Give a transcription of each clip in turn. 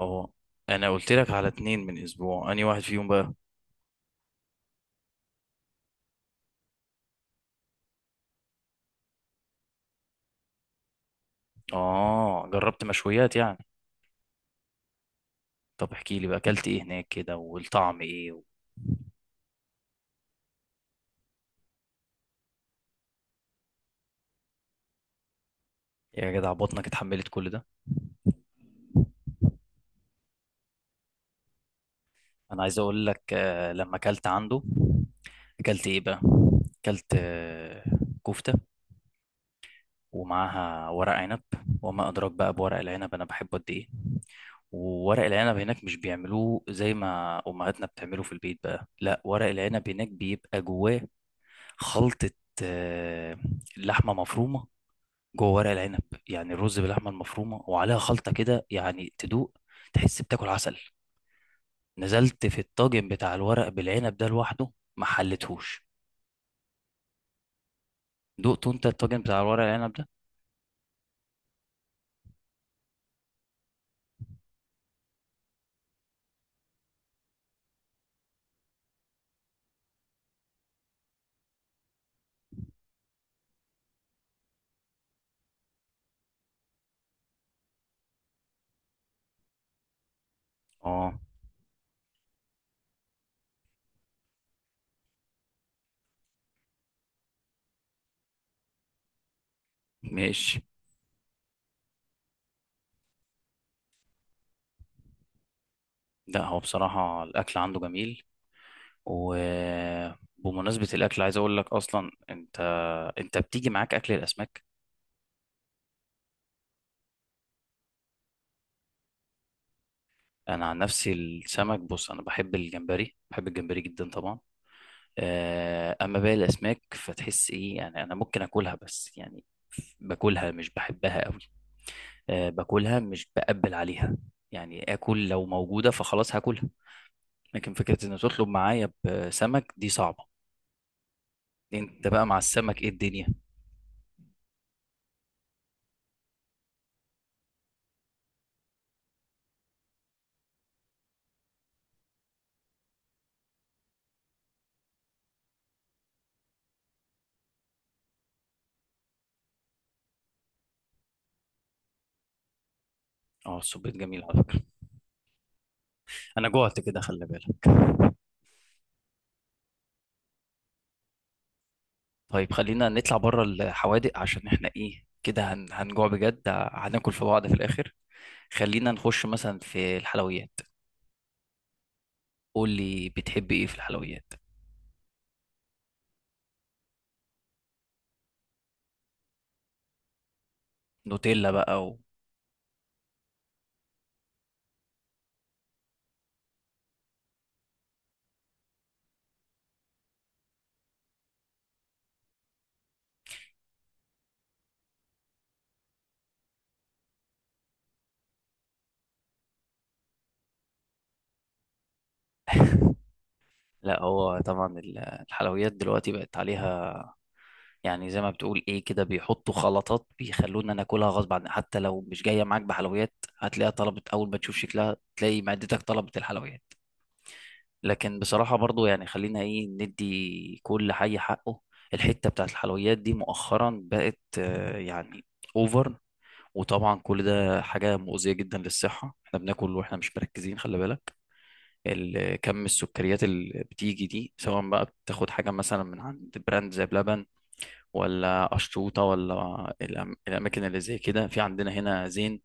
اه. انا قلت لك على اتنين من اسبوع انهي واحد فيهم بقى؟ اه، جربت مشويات يعني. طب احكي لي بقى، اكلت ايه هناك كده والطعم ايه يا جدع، بطنك اتحملت كل ده؟ انا عايز اقول لك، لما اكلت عنده اكلت ايه بقى؟ اكلت كفتة، ومعاها ورق عنب. وما ادراك بقى بورق العنب، انا بحبه قد ايه. وورق العنب هناك مش بيعملوه زي ما امهاتنا بتعمله في البيت بقى، لا، ورق العنب هناك بيبقى جواه خلطة، آه، لحمة مفرومة جوه ورق العنب. يعني الرز باللحمة المفرومة وعليها خلطة كده، يعني تدوق تحس بتاكل عسل. نزلت في الطاجن بتاع الورق بالعنب ده لوحده، ما حلتهوش. دقته انت الطاجن بتاع الورق العنب ده؟ اه، ماشي. لا، هو بصراحة الأكل عنده جميل. وبمناسبة الأكل عايز أقول لك، أصلا أنت أنت بتيجي معاك أكل الأسماك؟ أنا عن نفسي السمك، بص، أنا بحب الجمبري، بحب الجمبري جدا طبعا. اما باقي الاسماك فتحس ايه يعني، انا ممكن اكلها بس يعني باكلها مش بحبها قوي. أه، باكلها مش بقبل عليها، يعني اكل لو موجوده فخلاص هاكلها. لكن فكره ان تطلب معايا بسمك دي صعبه. انت بقى مع السمك ايه الدنيا؟ اه، السبيط جميل على فكره. انا جوعت كده، خلي بالك. طيب خلينا نطلع بره الحوادق، عشان احنا ايه كده هنجوع بجد، هناكل في بعض في الاخر. خلينا نخش مثلا في الحلويات. قول لي، بتحب ايه في الحلويات؟ نوتيلا بقى لا، هو طبعا الحلويات دلوقتي بقت عليها، يعني زي ما بتقول، ايه كده بيحطوا خلطات بيخلونا ناكلها غصب عن حتى لو مش جايه معاك بحلويات هتلاقيها طلبت. اول ما تشوف شكلها تلاقي معدتك طلبت الحلويات. لكن بصراحه برضو يعني خلينا ايه، ندي كل حي حقه. الحته بتاعت الحلويات دي مؤخرا بقت، يعني، اوفر. وطبعا كل ده حاجه مؤذيه جدا للصحه، احنا بناكل واحنا مش مركزين، خلي بالك كم السكريات اللي بتيجي دي، سواء بقى بتاخد حاجة مثلا من عند براند زي بلبن، ولا قشطوطة، ولا الأماكن اللي زي كده في عندنا هنا زين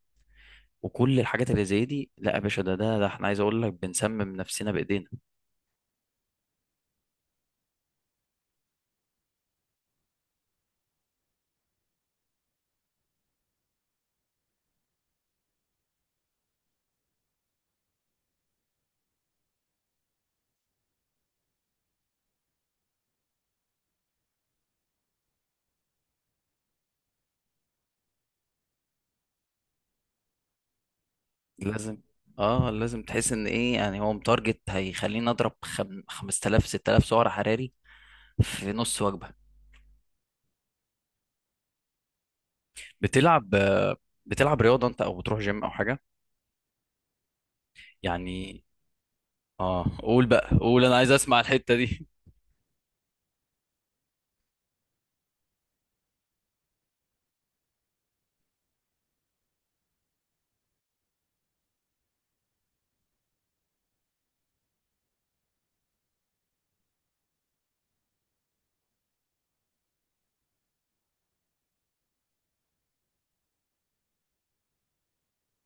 وكل الحاجات اللي زي دي. لا يا باشا، ده ده ده احنا عايز اقول لك بنسمم نفسنا بايدينا. لازم، اه لازم تحس ان ايه، يعني هو متارجت هيخليني اضرب 5000 6000 سعر حراري في نص وجبة. بتلعب، بتلعب رياضة انت، او بتروح جيم او حاجة يعني؟ اه، قول بقى قول، انا عايز اسمع الحتة دي.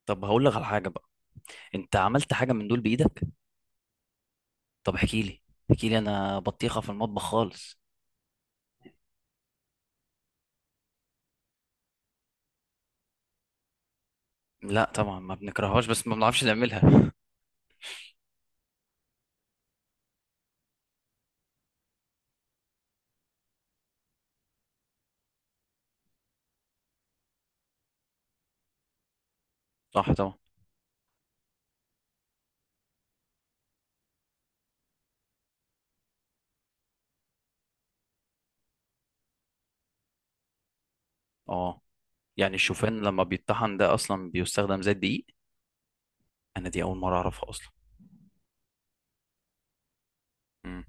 طب هقول لك على حاجه بقى، انت عملت حاجه من دول بايدك؟ طب احكي لي، احكي لي، انا بطيخه في المطبخ خالص. لا طبعا ما بنكرههاش، بس ما بنعرفش نعملها. صح طبعا. اه، يعني الشوفان لما بيتطحن ده اصلا بيستخدم زي الدقيق. انا دي اول مره اعرفها اصلا. امم.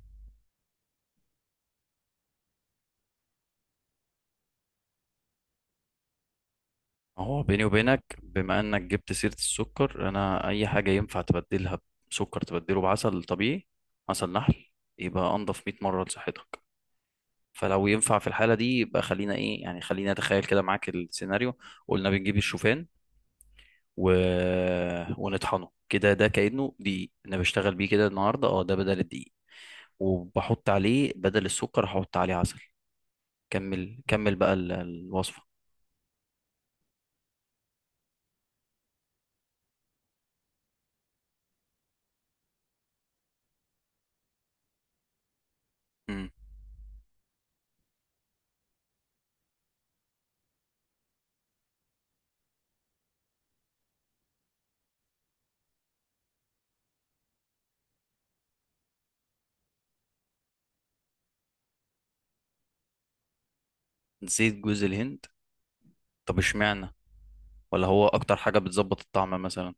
هو بيني وبينك، بما انك جبت سيره السكر، انا اي حاجه ينفع تبدلها بسكر تبدله بعسل طبيعي، عسل نحل، يبقى انضف 100 مره لصحتك. فلو ينفع في الحالة دي، يبقى خلينا ايه يعني، خلينا نتخيل كده معاك السيناريو. قلنا بنجيب الشوفان و... ونطحنه كده، ده كأنه دقيق، انا بشتغل بيه كده النهاردة، اه، ده بدل الدقيق. وبحط عليه بدل السكر هحط عليه عسل. كمل كمل بقى الوصفة. مم. زيت جوز الهند؟ طب اشمعنى؟ ولا هو اكتر حاجة بتظبط الطعم مثلا؟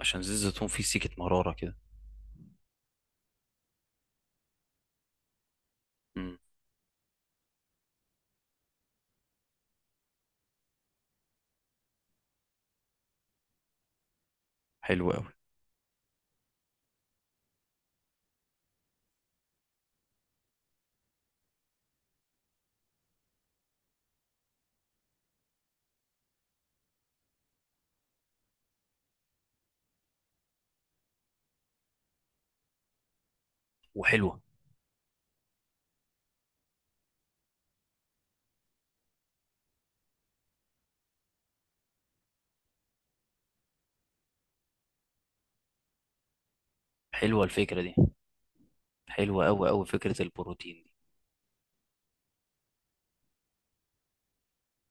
عشان زيت الزيتون فيه سيكة مرارة كده. مم. حلو قوي. وحلوة. حلوة الفكرة دي، حلوة قوي قوي فكرة البروتين.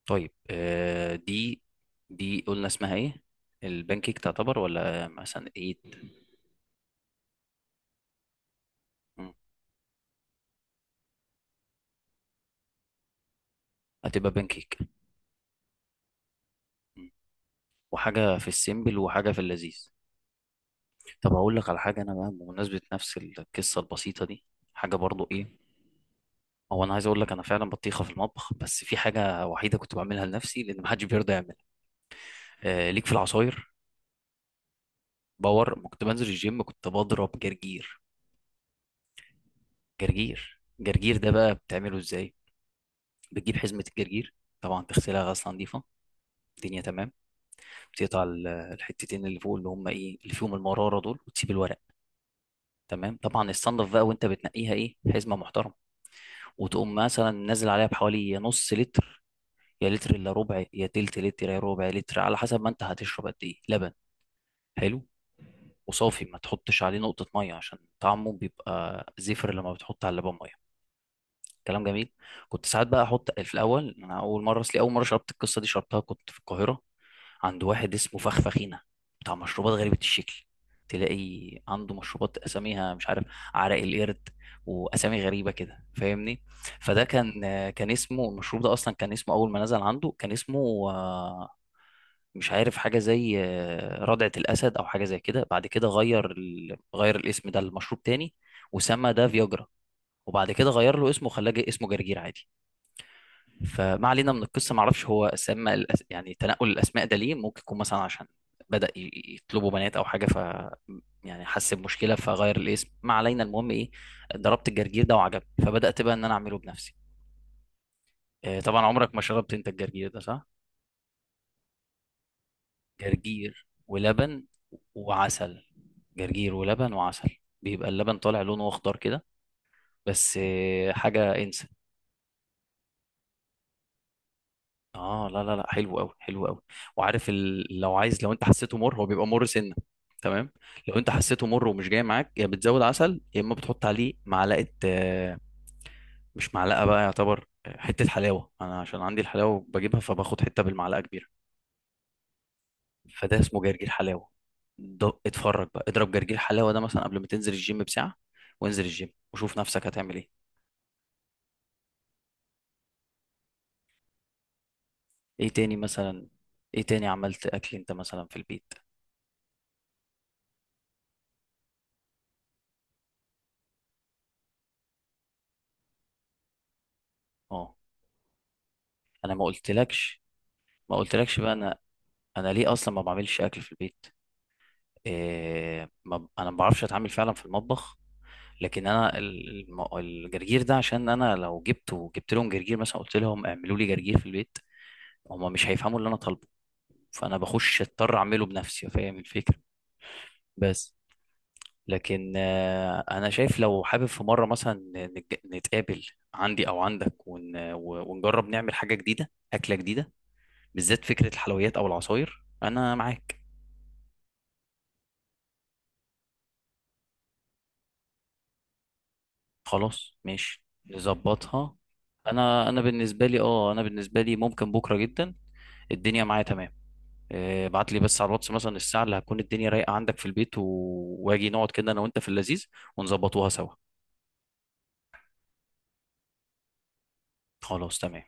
طيب، دي دي قلنا اسمها ايه، البانكيك تعتبر ولا مثلا ايه؟ مم. هتبقى بانكيك. مم. وحاجة في السيمبل وحاجة في اللذيذ. طب هقول لك على حاجة أنا بقى، بمناسبة نفس القصة البسيطة دي حاجة برضو إيه. هو أنا عايز أقول لك، أنا فعلا بطيخة في المطبخ، بس في حاجة وحيدة كنت بعملها لنفسي لأن محدش بيرضى يعملها، آه ليك، في العصاير. باور ما كنت بنزل الجيم كنت بضرب جرجير. جرجير، جرجير ده بقى بتعمله إزاي؟ بتجيب حزمة الجرجير، طبعا تغسلها غسلة نظيفة، الدنيا تمام. بتقطع الحتتين اللي فوق اللي هم ايه، اللي فيهم المراره دول، وتسيب الورق. تمام. طبعا الصنف بقى، وانت بتنقيها ايه، حزمه محترمه، وتقوم مثلا نازل عليها بحوالي، يا نص لتر يا لتر الا ربع يا تلت لتر يا ربع لتر، على حسب ما انت هتشرب قد ايه لبن. حلو. وصافي، ما تحطش عليه نقطه ميه، عشان طعمه بيبقى زفر لما بتحط على اللبن ميه. كلام جميل. كنت ساعات بقى احط في الاول، انا اول مره اصلي، اول مره شربت القصه دي شربتها كنت في القاهره عند واحد اسمه فخفخينه، بتاع مشروبات غريبه الشكل. تلاقي عنده مشروبات اساميها مش عارف، عرق القرد، واسامي غريبه كده فاهمني. فده كان كان اسمه المشروب ده اصلا، كان اسمه اول ما نزل عنده كان اسمه، مش عارف، حاجه زي ردعه الاسد او حاجه زي كده، بعد كده غير غير الاسم ده لمشروب تاني وسمى ده فياجرا، وبعد كده غير له اسمه وخلاه اسمه جرجير عادي. فما علينا من القصه، ما اعرفش هو اسماء يعني تنقل الاسماء ده ليه، ممكن يكون مثلا عشان بدأ يطلبوا بنات او حاجه ف، يعني حس بمشكله فغير الاسم، ما علينا، المهم ايه، ضربت الجرجير ده وعجبني، فبدأت بقى ان انا اعمله بنفسي. طبعا عمرك ما شربت انت الجرجير ده، صح؟ جرجير ولبن وعسل، جرجير ولبن وعسل، بيبقى اللبن طالع لونه اخضر كده، بس حاجه انسى. اه لا لا لا، حلو قوي حلو قوي. وعارف لو عايز، لو انت حسيته مر، هو بيبقى مر سنه، تمام. لو انت حسيته مر ومش جاي معاك، يا بتزود عسل يا اما بتحط عليه معلقه، مش معلقه بقى يعتبر، حته حلاوه، انا عشان عندي الحلاوه بجيبها فباخد حته بالمعلقه كبيره. فده اسمه جرجير حلاوه. ده اتفرج بقى، اضرب جرجير حلاوه ده مثلا قبل ما تنزل الجيم بساعه، وانزل الجيم وشوف نفسك هتعمل ايه. ايه تاني مثلا، ايه تاني عملت اكل انت مثلا في البيت؟ اه ما قلتلكش، ما قلتلكش بقى، انا ليه اصلا ما بعملش اكل في البيت؟ إيه، ما ب- انا ما بعرفش اتعامل فعلا في المطبخ. لكن انا الجرجير ده عشان انا لو جبته، جبت لهم جرجير مثلا قلت لهم اعملوا لي جرجير في البيت هما مش هيفهموا اللي انا طالبه، فانا بخش اضطر اعمله بنفسي، فاهم الفكره؟ بس. لكن انا شايف لو حابب في مره مثلا نتقابل عندي او عندك ونجرب نعمل حاجه جديده، اكله جديده، بالذات فكره الحلويات او العصاير، انا معاك. خلاص ماشي، نظبطها. انا بالنسبه لي، اه انا بالنسبه لي ممكن بكره جدا، الدنيا معايا تمام. ابعت لي بس على الواتس مثلا الساعه اللي هتكون الدنيا رايقه عندك في البيت واجي نقعد كده انا وانت في اللذيذ ونظبطوها سوا. خلاص تمام.